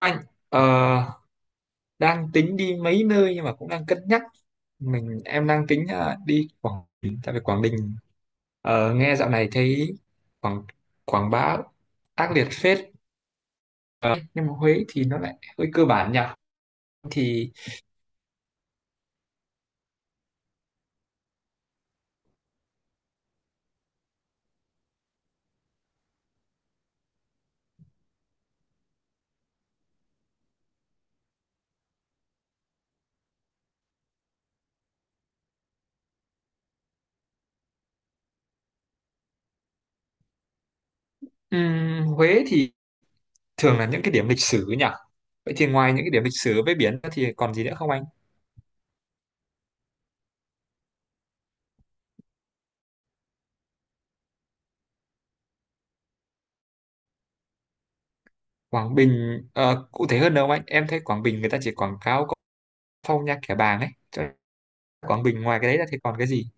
Anh ờ, đang tính đi mấy nơi nhưng mà cũng đang cân nhắc mình em đang tính đi Quảng Bình tại vì Quảng Bình nghe dạo này thấy Quảng Quảng Bá ác liệt phết. Ờ, nhưng mà Huế thì nó lại hơi cơ bản nhỉ, thì Huế thì thường là những cái điểm lịch sử nhỉ. Vậy thì ngoài những cái điểm lịch sử với biển ra thì còn gì nữa không anh? Quảng Bình cụ thể hơn đâu anh, em thấy Quảng Bình người ta chỉ quảng cáo có Phong Nha Kẻ Bàng ấy, cho nên Quảng Bình ngoài cái đấy ra thì còn cái gì?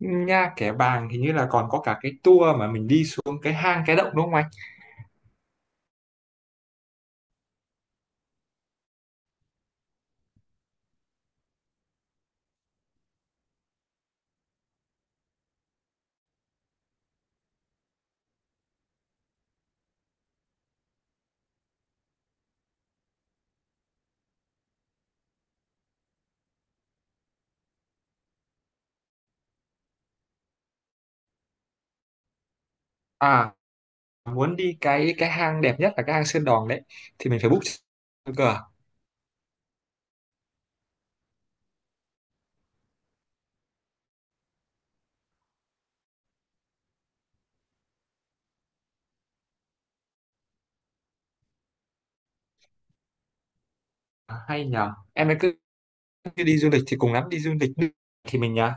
Nha Kẻ Bàng hình như là còn có cả cái tour mà mình đi xuống cái hang cái động đúng không anh? À, muốn đi cái hang đẹp nhất là cái hang Sơn Đòn đấy thì mình phải book cơ. À, hay nhờ. Em ấy cứ đi du lịch thì cùng lắm đi du lịch thì mình nhờ.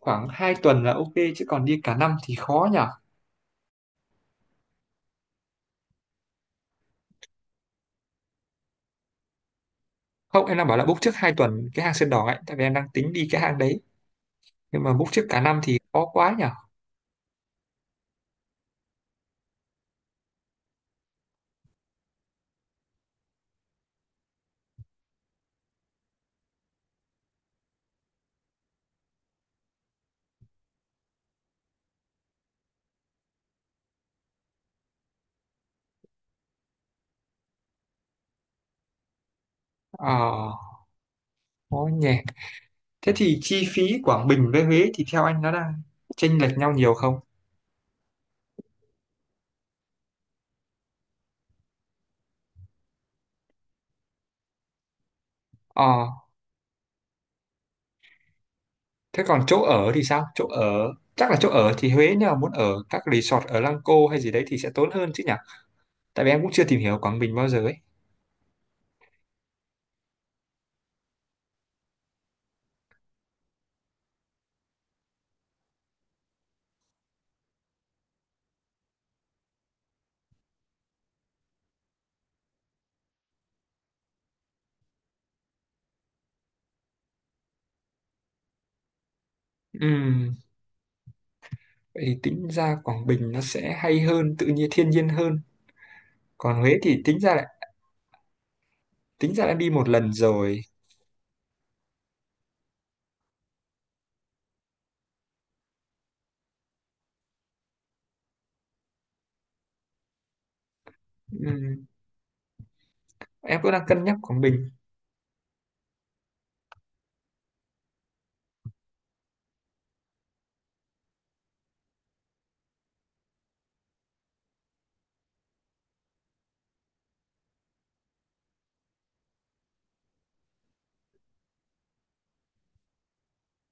Khoảng 2 tuần là ok chứ còn đi cả năm thì khó nhờ. Không, em đang bảo là book trước 2 tuần cái hang Sơn Đòn ấy tại vì em đang tính đi cái hang đấy. Nhưng mà book trước cả năm thì khó quá nhờ. Ờ, khó nhỉ. Thế thì chi phí Quảng Bình với Huế thì theo anh nó đang chênh lệch nhau nhiều không? Ờ, thế còn chỗ ở thì sao? Chỗ ở thì Huế, nếu mà muốn ở các resort ở Lăng Cô hay gì đấy thì sẽ tốn hơn chứ nhỉ? Tại vì em cũng chưa tìm hiểu Quảng Bình bao giờ ấy. Ừm, vậy thì tính ra Quảng Bình nó sẽ hay hơn, tự nhiên thiên nhiên hơn. Còn Huế thì tính ra đã đi một lần rồi. Ừm, em cũng đang cân nhắc Quảng Bình.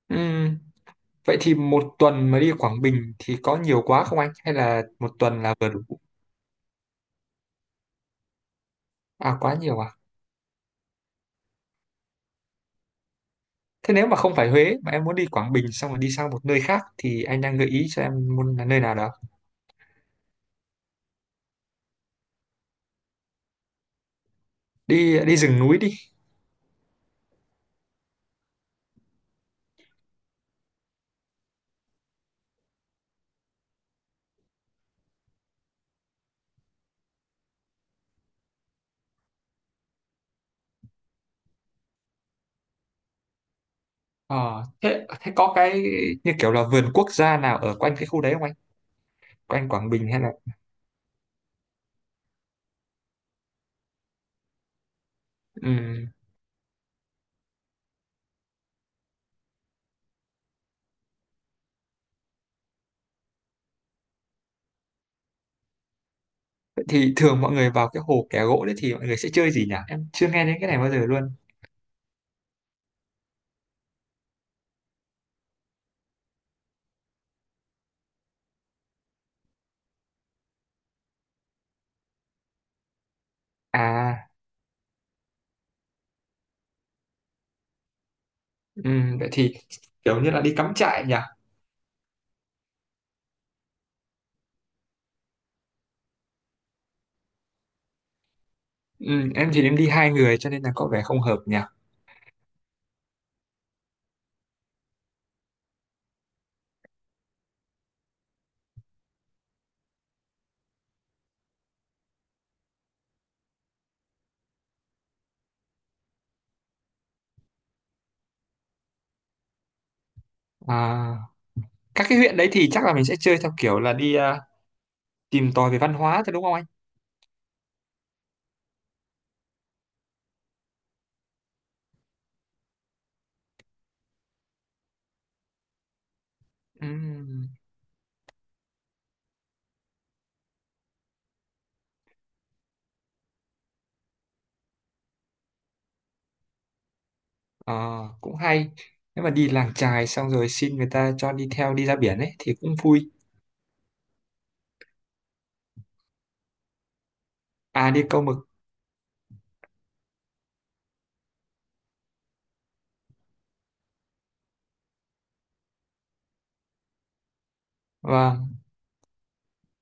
Ừm, vậy thì 1 tuần mà đi Quảng Bình thì có nhiều quá không anh? Hay là 1 tuần là vừa đủ? À quá nhiều à? Thế nếu mà không phải Huế mà em muốn đi Quảng Bình xong rồi đi sang một nơi khác thì anh đang gợi ý cho em muốn là nơi nào đó. Đi đi rừng núi đi. Ờ, thế thế có cái như kiểu là vườn quốc gia nào ở quanh cái khu đấy không anh? Quanh Quảng Bình hay là ừm, vậy thì thường mọi người vào cái hồ Kẻ Gỗ đấy thì mọi người sẽ chơi gì nhỉ? Em chưa nghe đến cái này bao giờ luôn. À, vậy thì kiểu như là đi cắm trại nhỉ? Em thì em đi 2 người cho nên là có vẻ không hợp nhỉ? À, các cái huyện đấy thì chắc là mình sẽ chơi theo kiểu là đi tìm tòi về văn hóa thôi đúng không anh? Ừm, ờ, cũng hay, nếu mà đi làng chài xong rồi xin người ta cho đi theo đi ra biển ấy thì cũng vui. À, đi câu mực. Và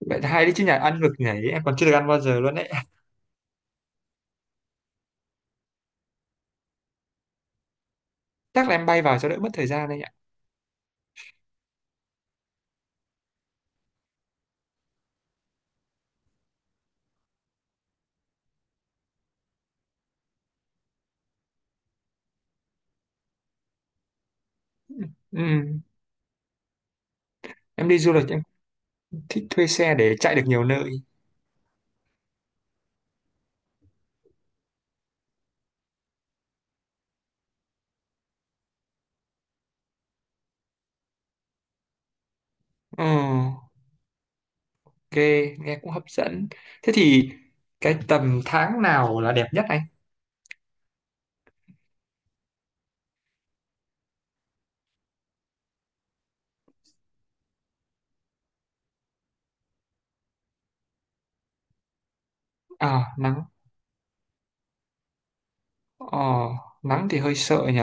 vậy là hay đấy chứ, nhà ăn mực nhảy em còn chưa được ăn bao giờ luôn đấy. Chắc là em bay vào cho đỡ mất thời gian đấy ạ. Ừm, em đi du lịch em cũng thích thuê xe để chạy được nhiều nơi. Ờ, ok, nghe cũng hấp dẫn, thế thì cái tầm tháng nào là đẹp nhất anh? À nắng. Ờ, nắng thì hơi sợ nhỉ,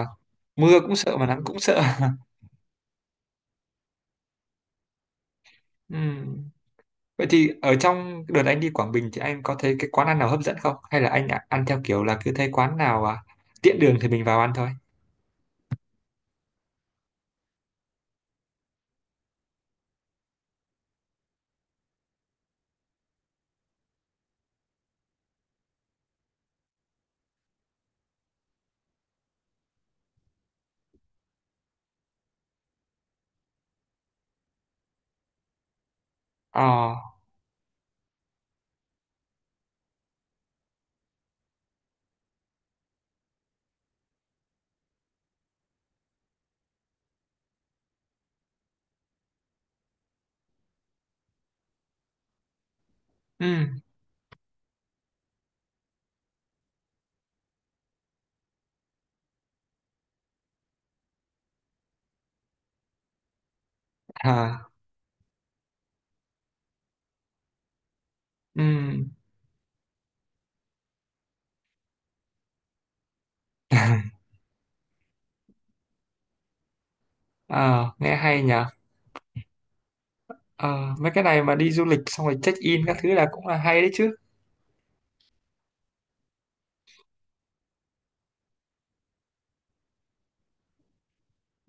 mưa cũng sợ mà nắng cũng sợ. Ừm, vậy thì ở trong đợt anh đi Quảng Bình thì anh có thấy cái quán ăn nào hấp dẫn không? Hay là ăn theo kiểu là cứ thấy quán nào tiện đường thì mình vào ăn thôi? Ờ, ừ, à, ừ, ờ, nghe hay nhờ. Ờ, mấy cái này mà đi du lịch xong rồi check in các thứ là cũng là hay đấy chứ.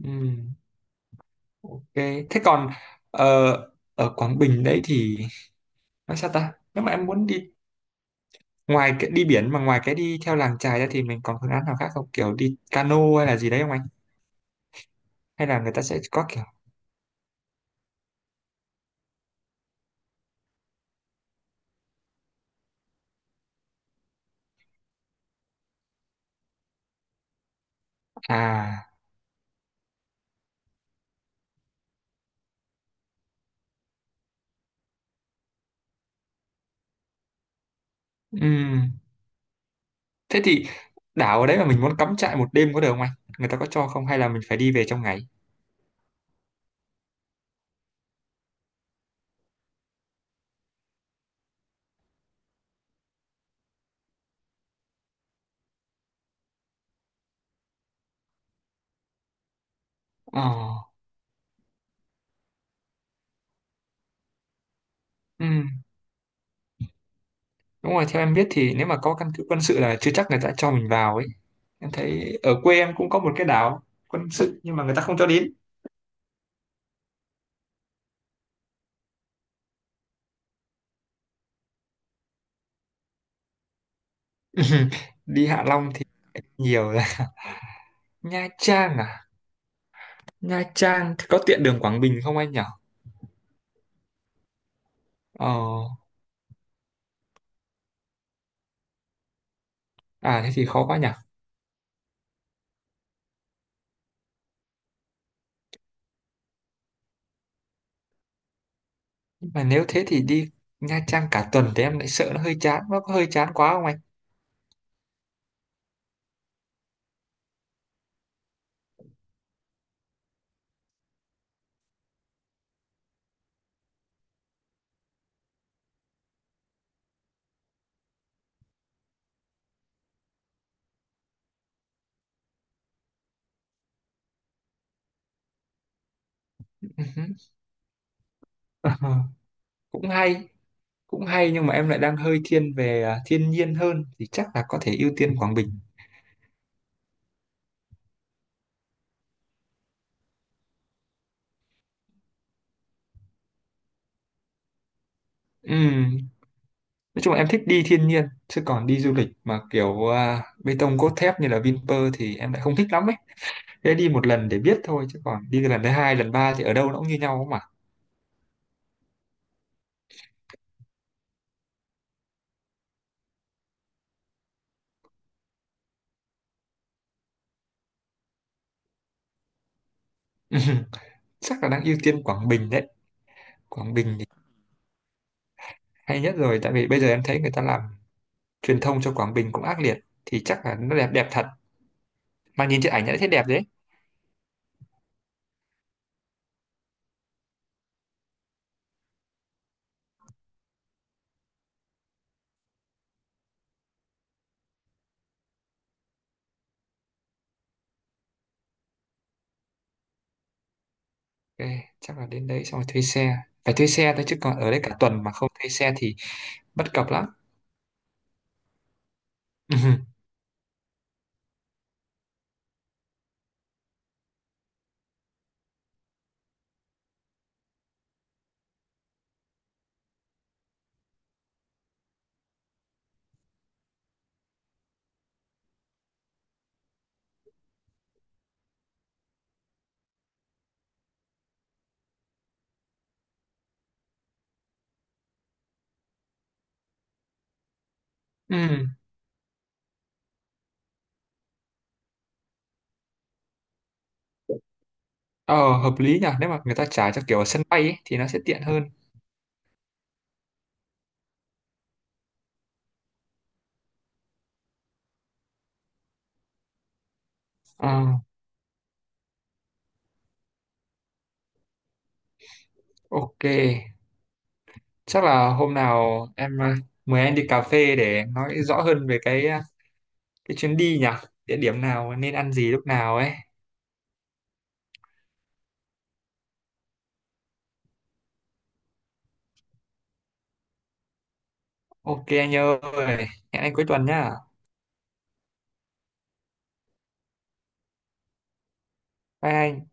Ừ, ok. Thế còn ờ, ở Quảng Bình đấy thì nói sao ta? Nếu mà em muốn đi ngoài cái đi biển mà ngoài cái đi theo làng chài ra thì mình còn phương án nào khác không? Kiểu đi cano hay là gì đấy không anh? Hay là người ta sẽ có kiểu à, ừm. Thế thì đảo ở đấy mà mình muốn cắm trại 1 đêm có được không anh? Người ta có cho không hay là mình phải đi về trong ngày? Ờ, ừm. Đúng rồi, theo em biết thì nếu mà có căn cứ quân sự là chưa chắc người ta cho mình vào ấy. Em thấy ở quê em cũng có một cái đảo quân sự nhưng mà người ta không cho đến. Đi Hạ Long thì nhiều rồi. Nha Trang à? Nha Trang thì có tiện đường Quảng Bình không anh nhỉ? Ờ, à thế thì khó quá nhỉ. Nhưng mà nếu thế thì đi Nha Trang cả tuần thì em lại sợ nó hơi chán, nó có hơi chán quá không anh? Ờ, cũng hay cũng hay, nhưng mà em lại đang hơi thiên về thiên nhiên hơn thì chắc là có thể ưu tiên Quảng Bình. Ừm, nói chung là em thích đi thiên nhiên chứ còn đi du lịch mà kiểu bê tông cốt thép như là Vinpearl thì em lại không thích lắm ấy, thế đi một lần để biết thôi chứ còn đi lần thứ hai lần ba thì ở đâu nó cũng như nhau mà. Chắc là đang ưu tiên Quảng Bình đấy. Quảng Bình thì hay nhất rồi, tại vì bây giờ em thấy người ta làm truyền thông cho Quảng Bình cũng ác liệt, thì chắc là nó đẹp đẹp thật, mà nhìn trên ảnh đã thấy đẹp đấy. Ok, chắc là đến đấy xong rồi thuê xe. Phải thuê xe thôi chứ còn ở đây cả tuần mà không thuê xe thì bất cập lắm. Ừ. Ừ. Ờ, hợp lý nhỉ. Nếu mà người ta trả cho kiểu ở sân bay ấy, thì nó sẽ tiện hơn. Ờ, ok. Chắc là hôm nào em mời anh đi cà phê để nói rõ hơn về cái chuyến đi nhỉ. Địa điểm nào nên ăn gì lúc nào ấy. Ok anh ơi. Hẹn anh cuối tuần nhá. Bye anh.